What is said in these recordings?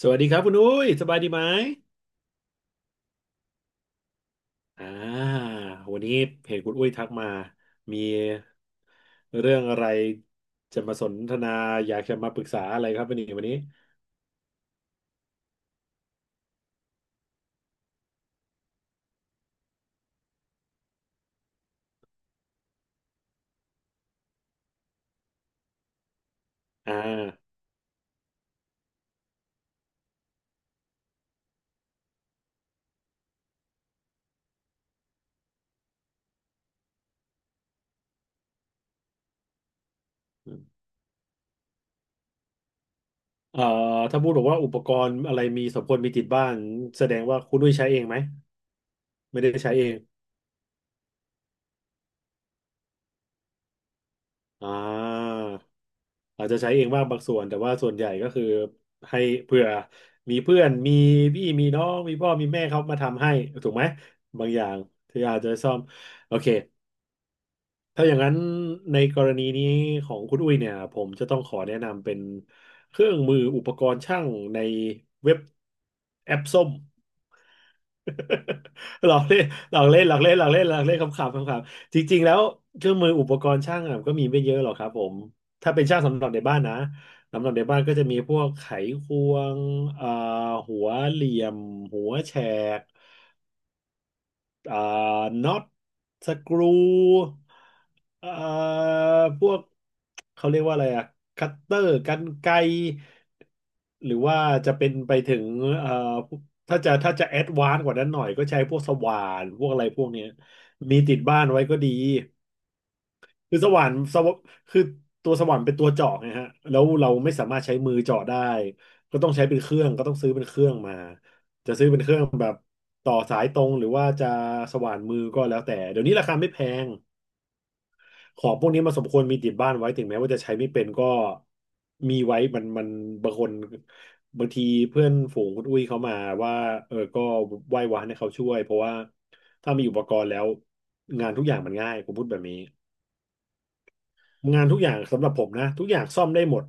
สวัสดีครับคุณอุ้ยสบายดีไหมอ่าวันนี้เพจคุณอุ้ยทักมา มีเรื่องอะไรจะมาสนทนาอยากจะมาปรึกษาอะไรครับวันนี้อ่าเอ่อถ้าพูดบอกว่าอุปกรณ์อะไรมีสมควรมีติดบ้านแสดงว่าคุณอุ้ยใช้เองไหมไม่ได้ใช้เองอ่าอาจจะใช้เองบ้างบางส่วนแต่ว่าส่วนใหญ่ก็คือให้เผื่อมีเพื่อนมีพี่มีน้องมีพ่อมีแม่เขามาทำให้ถูกไหมบางอย่างที่อาจจะซ่อมโอเค ถ้าอย่างนั้นในกรณีนี้ของคุณอุ้ยเนี่ยผมจะต้องขอแนะนำเป็นเครื่องมืออุปกรณ์ช่างในเว็บแอปส้ม หลอกเล่นหลอกเล่นหลอกเล่นหลอกเล่นหลอกเล่นคำขำคำขำจริงๆแล้วเครื่องมืออุปกรณ์ช่างอะก็มีไม่เยอะหรอกครับผมถ้าเป็นช่างสำหรับในบ้านนะสำหรับในบ้านก็จะมีพวกไขควงเอ่อหัวเหลี่ยมหัวแฉก อ่าน็อตสกรูอ่าพวกเขาเรียกว่าอะไรอะคัตเตอร์กรรไกรหรือว่าจะเป็นไปถึงเอ่อถ้าจะแอดวานซ์กว่านั้นหน่อยก็ใช้พวกสว่านพวกอะไรพวกเนี้ยมีติดบ้านไว้ก็ดี คือสว่านสวคือตัวสว่านเป็นตัวเจาะไงฮะแล้วเราไม่สามารถใช้มือเจาะได้ ก็ต้องใช้เป็นเครื่อง ก็ต้องซื้อเป็นเครื่องมา จะซื้อเป็นเครื่องแบบต่อสายตรงหรือว่าจะสว่านมือก็แล้วแต่เดี๋ยวนี้ราคาไม่แพงของพวกนี้มันสมควรมีติดบ้านไว้ถึงแม้ว่าจะใช้ไม่เป็นก็มีไว้มันบางคนบางทีเพื่อนฝูงคุณอุ้ยเขามาว่าเออก็ไหว้วานให้เขาช่วย เพราะว่าถ้ามีอุปกรณ์แล้วงานทุกอย่างมันง่ายผมพูดแบบนี้ งานทุกอย่างสำหรับผมนะทุกอย่างซ่อมได้หมด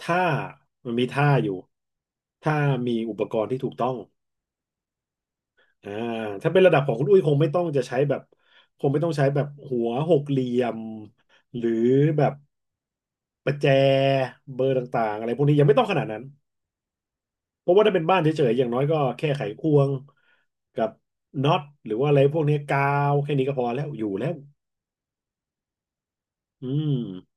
ถ้ามันมีท่าอยู่ถ้ามีอุปกรณ์ที่ถูกต้องอ่าถ้าเป็นระดับของคุณอุ้ยคงไม่ต้องจะใช้แบบคงไม่ต้องใช้แบบหัวหกเหลี่ยมหรือแบบประแจเบอร์ต่างๆอะไรพวกนี้ยังไม่ต้องขนาดนั้นเพราะว่าถ้าเป็นบ้านเฉยๆอย่างน้อยก็แค่ไขควงกับน็อตหรือว่าอะไรพวกนี้กาวแค่นี้ก็พอแล้วอยู่แล้วอืม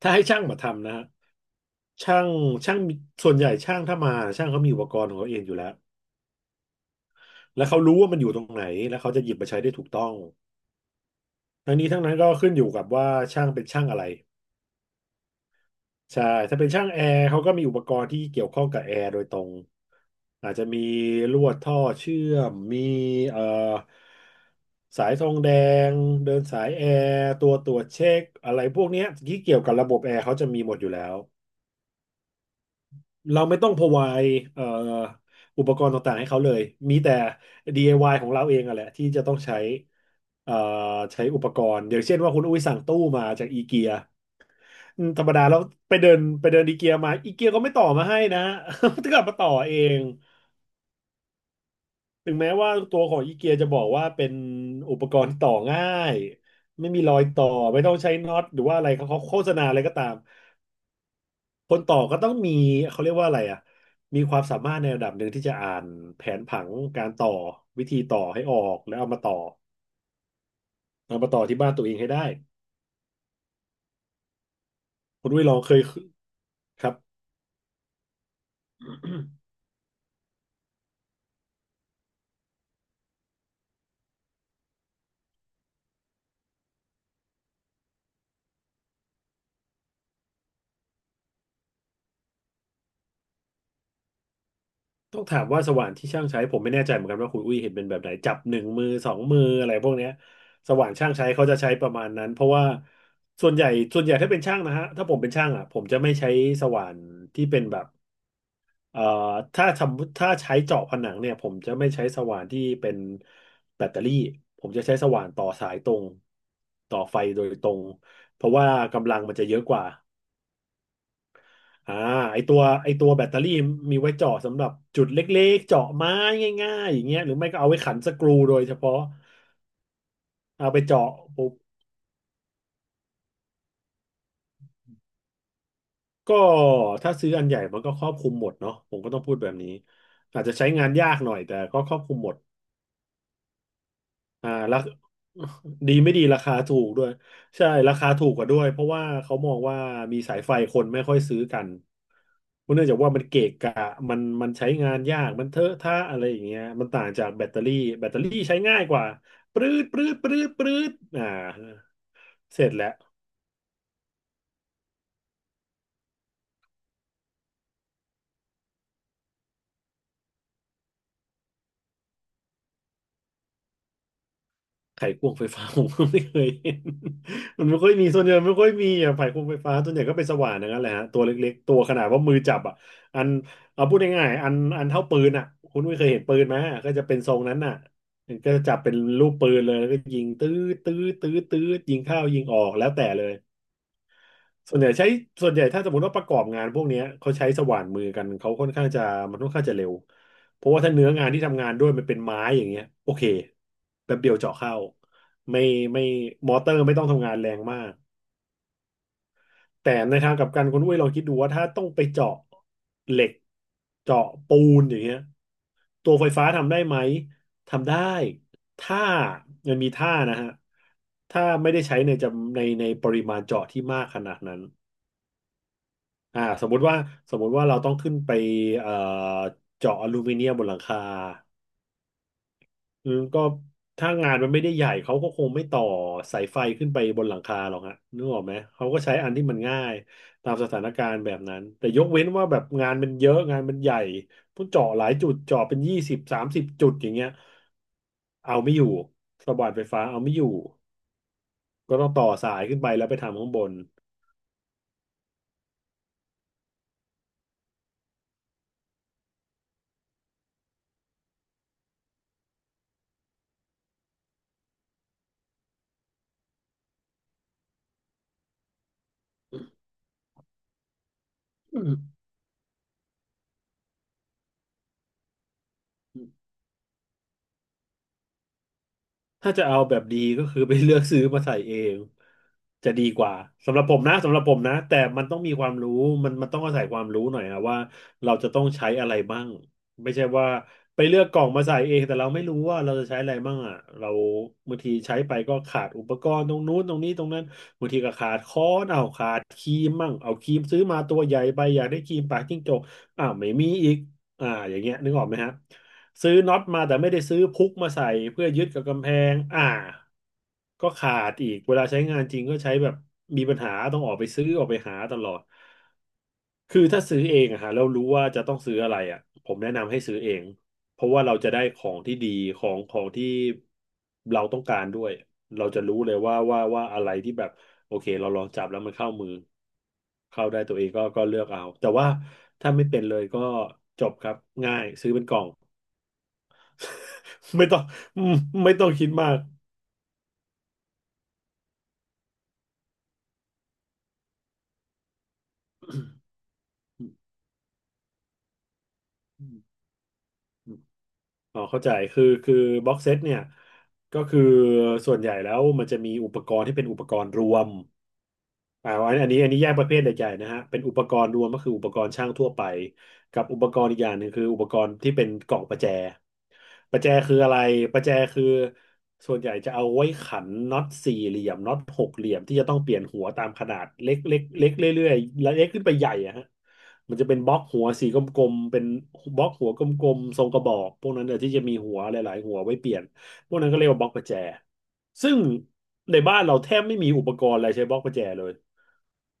ถ้าให้ช่างมาทำนะ ช่างช่างมีส่วนใหญ่ช่างถ้ามาช่างเขามีอุปกรณ์ของเขาเองอยู่แล้วแล้วเขารู้ว่ามันอยู่ตรงไหนแล้วเขาจะหยิบมาใช้ได้ถูกต้องทั้งนี้ทั้งนั้นก็ขึ้นอยู่กับว่าช่างเป็นช่างอะไรใช่ถ้าเป็นช่างแอร์เขาก็มีอุปกรณ์ที่เกี่ยวข้องกับแอร์โดยตรงอาจจะมีลวดท่อเชื่อมมีเอ่อสายทองแดงเดินสายแอร์ตัวตรวจเช็คอะไรพวกเนี้ยที่เกี่ยวกับระบบแอร์เขาจะมีหมดอยู่แล้ว เราไม่ต้อง provide อุปกรณ์ต่างๆให้เขาเลยมีแต่ DIY ของเราเองอะแหละที่จะต้องใช้เอ่อใช้อุปกรณ์อย่างเช่นว่าคุณอุ้ยสั่งตู้มาจากอีเกียธรรมดาแล้วไปเดินอีเกียมาอีเกียก็ไม่ต่อมาให้นะ ต้องกลับมาต่อเองถึงแม้ว่าตัวของอีเกียจะบอกว่าเป็นอุปกรณ์ที่ต่อง่ายไม่มีรอยต่อไม่ต้องใช้น็อตหรือว่าอะไรเขาโฆษณาอะไรก็ตาม คนต่อก็ต้องมีเขาเรียกว่าอะไรอ่ะมีความสามารถในระดับหนึ่งที่จะอ่านแผนผังการต่อวิธีต่อให้ออกแล้วเอามาต่อเอามาต่อที่บ้านตัวเองให้ได้คุณอุ้ยลองเคยครับ ต้องถามว่าสว่านที่ช่างใช้ผมไม่แน่ใจเหมือนกันว่าคุณอุ้ยเห็นเป็นแบบไหนจับหนึ่งมือสองมืออะไรพวกเนี้ยสว่านช่างใช้เขาจะใช้ประมาณนั้นเพราะว่าส่วนใหญ่ส่วนใหญ่ถ้าเป็นช่างนะฮะถ้าผมเป็นช่างอ่ะผมจะไม่ใช้สว่านที่เป็นแบบ เอ่อถ้าสมมุติถ้าใช้เจาะผนังเนี่ยผมจะไม่ใช้สว่านที่เป็นแบตเตอรี่ผมจะใช้สว่านต่อสายตรงต่อไฟโดยตรงเพราะว่ากำลังมันจะเยอะกว่าอ่าไอตัวแบตเตอรี่มีไว้เจาะสำหรับจุดเล็กๆเจาะไม้ง่ายๆอย่างเงี้ยหรือไม่ก็เอาไว้ขันสกรูโดยเฉพาะเอาไปเจาะปุ๊บก็ถ้าซื้ออันใหญ่มันก็ครอบคลุมหมดเนาะผมก็ต้องพูดแบบนี้อาจจะใช้งานยากหน่อยแต่ก็ครอบคลุมหมด แล้ว ดีไม่ดีราคาถูกด้วยใช่ราคาถูกกว่าด้วยเพราะว่าเขามองว่ามีสายไฟคนไม่ค่อยซื้อกันเพราะเนื่องจากว่ามันเกะกะมันใช้งานยากมันเทอะทะอะไรอย่างเงี้ยมันต่างจากแบตเตอรี่แบตเตอรี่ใช้ง่ายกว่าปรื๊ดปรื๊ดปรื๊ดปรื๊ดเสร็จแล้ว ไขควงไฟฟ้า ผมก็ไม่เคยเห็นมันไม่ค่อยมีส่วนใหญ่ไม่ค่อยมีอ่ะไขควงไฟฟ้าส่วนใหญ่ก็เป็นสว่านอย่างนั้นแหละฮะตัวเล็กๆ ตัวขนาดว่ามือจับอ่ะอันเอาพูดง่ายๆอันเท่าปืนอ่ะคุณไม่เคยเห็นปืนไหมก็จะเป็นทรงนั้นน่ะก็จะจับเป็นลูกปืนเลยแล้วก็ยิงตื้อตื้อตื้อตื้อยิงเข้ายิงออกแล้วแต่เลย ส่วนใหญ่ใช้ส่วนใหญ่ถ้าสมมติว่าประกอบงานพวกเนี้ยเขาใช้สว่านมือกันเขาค่อนข้างจะมันค่อนข้างจะเร็วเพราะว่าถ้าเนื้องานที่ทำงานด้วยมันเป็นไม้อย่างเงี้ยโอเคแป๊บเดียวเจาะเข้าไม่ไม่มอเตอร์ไม่ต้องทำงานแรงมากแต่ในทางกลับกันคุณอุ้ยลองคิดดูว่าถ้าต้องไปเจาะเหล็กเจาะปูนอย่างเงี้ยตัวไฟฟ้าทำได้ไหมทำได้ถ้ามันมีท่านะฮะถ้าไม่ได้ใช้ในจำในปริมาณเจาะที่มากขนาดนั้น อ่าสมมุติว่าสมมุติว่าเราต้องขึ้นไปเอ่อเจาะอลูมิเนียมบนหลังคาอืมก็ถ้างานมันไม่ได้ใหญ่เขาก็คงไม่ต่อสายไฟขึ้นไปบนหลังคาหรอกฮะนึกออกไหมเขาก็ใช้อันที่มันง่ายตามสถานการณ์แบบนั้นแต่ยกเว้นว่าแบบงานมันเยอะงานมันใหญ่ต้องเจาะหลายจุดเจาะเป็น2030จุดอย่างเงี้ยเอาไม่อยู่สว่านไฟฟ้าเอาไม่อยู่ก็ต้องต่อสายขึ้นไปแล้วไปทำข้างบน ถ้าจะเอาแบบดีก็คือไปเลือกซื้อมาใส่เองจะดีกว่าสำหรับผมนะสำหรับผมนะแต่มันต้องมีความรู้มันต้องอาศัยความรู้หน่อยอะว่าเราจะต้องใช้อะไรบ้างไม่ใช่ว่าไปเลือกกล่องมาใส่เองแต่เราไม่รู้ว่าเราจะใช้อะไรบ้างอะเราบางทีใช้ไปก็ขาดอุปกรณ์ตรงนู้นตรงนี้ตรงนั้นบางทีก็ขาดค้อนเอาขาดครีมมั่งเอาครีมซื้อมาตัวใหญ่ไปอยากได้ครีมปากจิ้งจกอ้าวไม่มีอีกอ่าอย่างเงี้ยนึกออกไหมฮะ ซื้อน็อตมาแต่ไม่ได้ซื้อพุกมาใส่เพื่อยึดกับกำแพงอ่าก็ขาดอีกเวลาใช้งานจริงก็ใช้แบบมีปัญหาต้องออกไปซื้อออกไปหาตลอดคือถ้าซื้อเองอะฮะแล้วรู้ว่าจะต้องซื้ออะไรอะผมแนะนำให้ซื้อเองเพราะว่าเราจะได้ของที่ดีของที่เราต้องการด้วยเราจะรู้เลยว่าอะไรที่แบบโอเคเราลองจับแล้วมันเข้ามือเข้าได้ตัวเองก็เลือกเอาแต่ว่าถ้าไม่เป็นเลยก็จบครับง่ายซื้อเป็นกล่อง ไม่ต้อง อืมไม่ต้องคิดมากอ๋อเข้าใจคือบ็อกเซตเนี่ยก็คือส่วนใหญ่แล้วมันจะมีอุปกรณ์ที่เป็นอุปกรณ์รวมอ่าอันอันนี้แยกประเภทใหญ่ๆนะฮะเป็นอุปกรณ์รวมก็คืออุปกรณ์ช่างทั่วไปกับอุปกรณ์อีกอย่างหนึ่งคืออุปกรณ์ที่เป็นกล่องประแจ ประแจคืออะไรประแจคือส่วนใหญ่จะเอาไว้ขันน็อตสี่เหลี่ยมน็อตหกเหลี่ยมที่จะต้องเปลี่ยนหัวตามขนาดเล็กเรื่อยๆและเล็กขึ้นไปใหญ่อะฮะมันจะเป็นบล็อกหัวสีกลมๆเป็นบล็อกหัวกลมๆทรงกระบอกพวกนั้นเนี่ยที่จะมีหัวหลายๆหัวไว้เปลี่ยนพวกนั้นก็เรียกว่าบล็อกประแจซึ่งในบ้านเราแทบไม่มีอุปกรณ์อะไรใช้บล็อกประแจเลย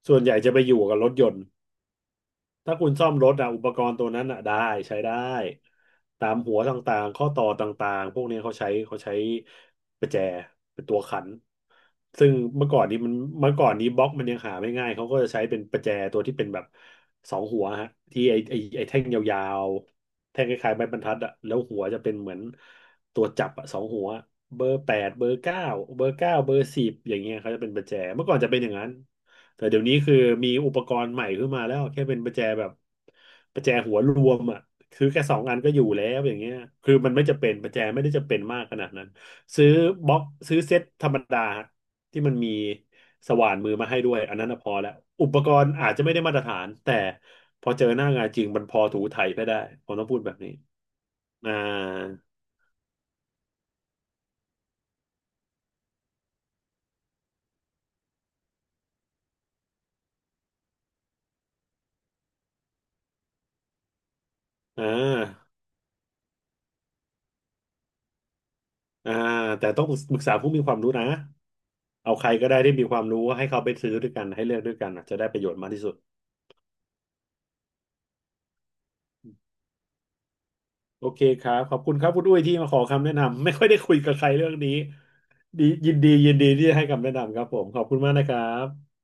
ส่วนใหญ่จะไปอยู่กับรถยนต์ ถ้าคุณซ่อมรถอะอุปกรณ์ตัวนั้นอะได้ใช้ได้ตามหัวต่างๆข้อต่อต่างๆพวกนี้เขาใช้ประแจเป็นตัวขันซึ่งเมื่อก่อนนี้มันเมื่อก่อนนี้บล็อกมันยังหาไม่ง่ายเขาก็จะใช้เป็นประแจตัวที่เป็นแบบสองหัวฮะที่ไอไอไอแท่งยาวๆแท่งคล้ายๆไม้บรรทัดอะแล้วหัวจะเป็นเหมือนตัวจับอะสองหัวเบอร์8เบอร์เก้าเบอร์เก้าเบอร์สิบอย่างเงี้ยเขาจะเป็นประแจเมื่อก่อนจะเป็นอย่างนั้น แต่เดี๋ยวนี้คือมีอุปกรณ์ใหม่ขึ้นมาแล้วแค่เป็นประแจแบบประแจหัวรวมอ่ะคือแค่สองอันก็อยู่แล้วอย่างเงี้ยคือมันไม่จะเป็นประแจไม่ได้จะเป็นมากขนาดนั้นซื้อบล็อกซื้อเซ็ตธรรมดาที่มันมีสว่านมือมาให้ด้วยอันนั้นน่ะพอแล้วอุปกรณ์อาจจะไม่ได้มาตรฐานแต่พอเจอหน้างานจริงมันพอถูไถไปได้ผมต้องพูดแบบนี้อ่าอ่าอ่าแต่ต้องปรึกษาผู้มีความรู้นะเอาใครก็ได้ที่มีความรู้ให้เขาไปซื้อด้วยกันให้เลือกด้วยกันอ่ะจะได้ประโยชน์มากที่สุด โอเคครับขอบคุณครับคุณอุ้ยที่มาขอคำแนะนำไม่ค่อยได้คุยกับใครเรื่องนี้ดียินดียินดีที่จะให้คำแนะนำครับผมขอบคุณมากนะครับ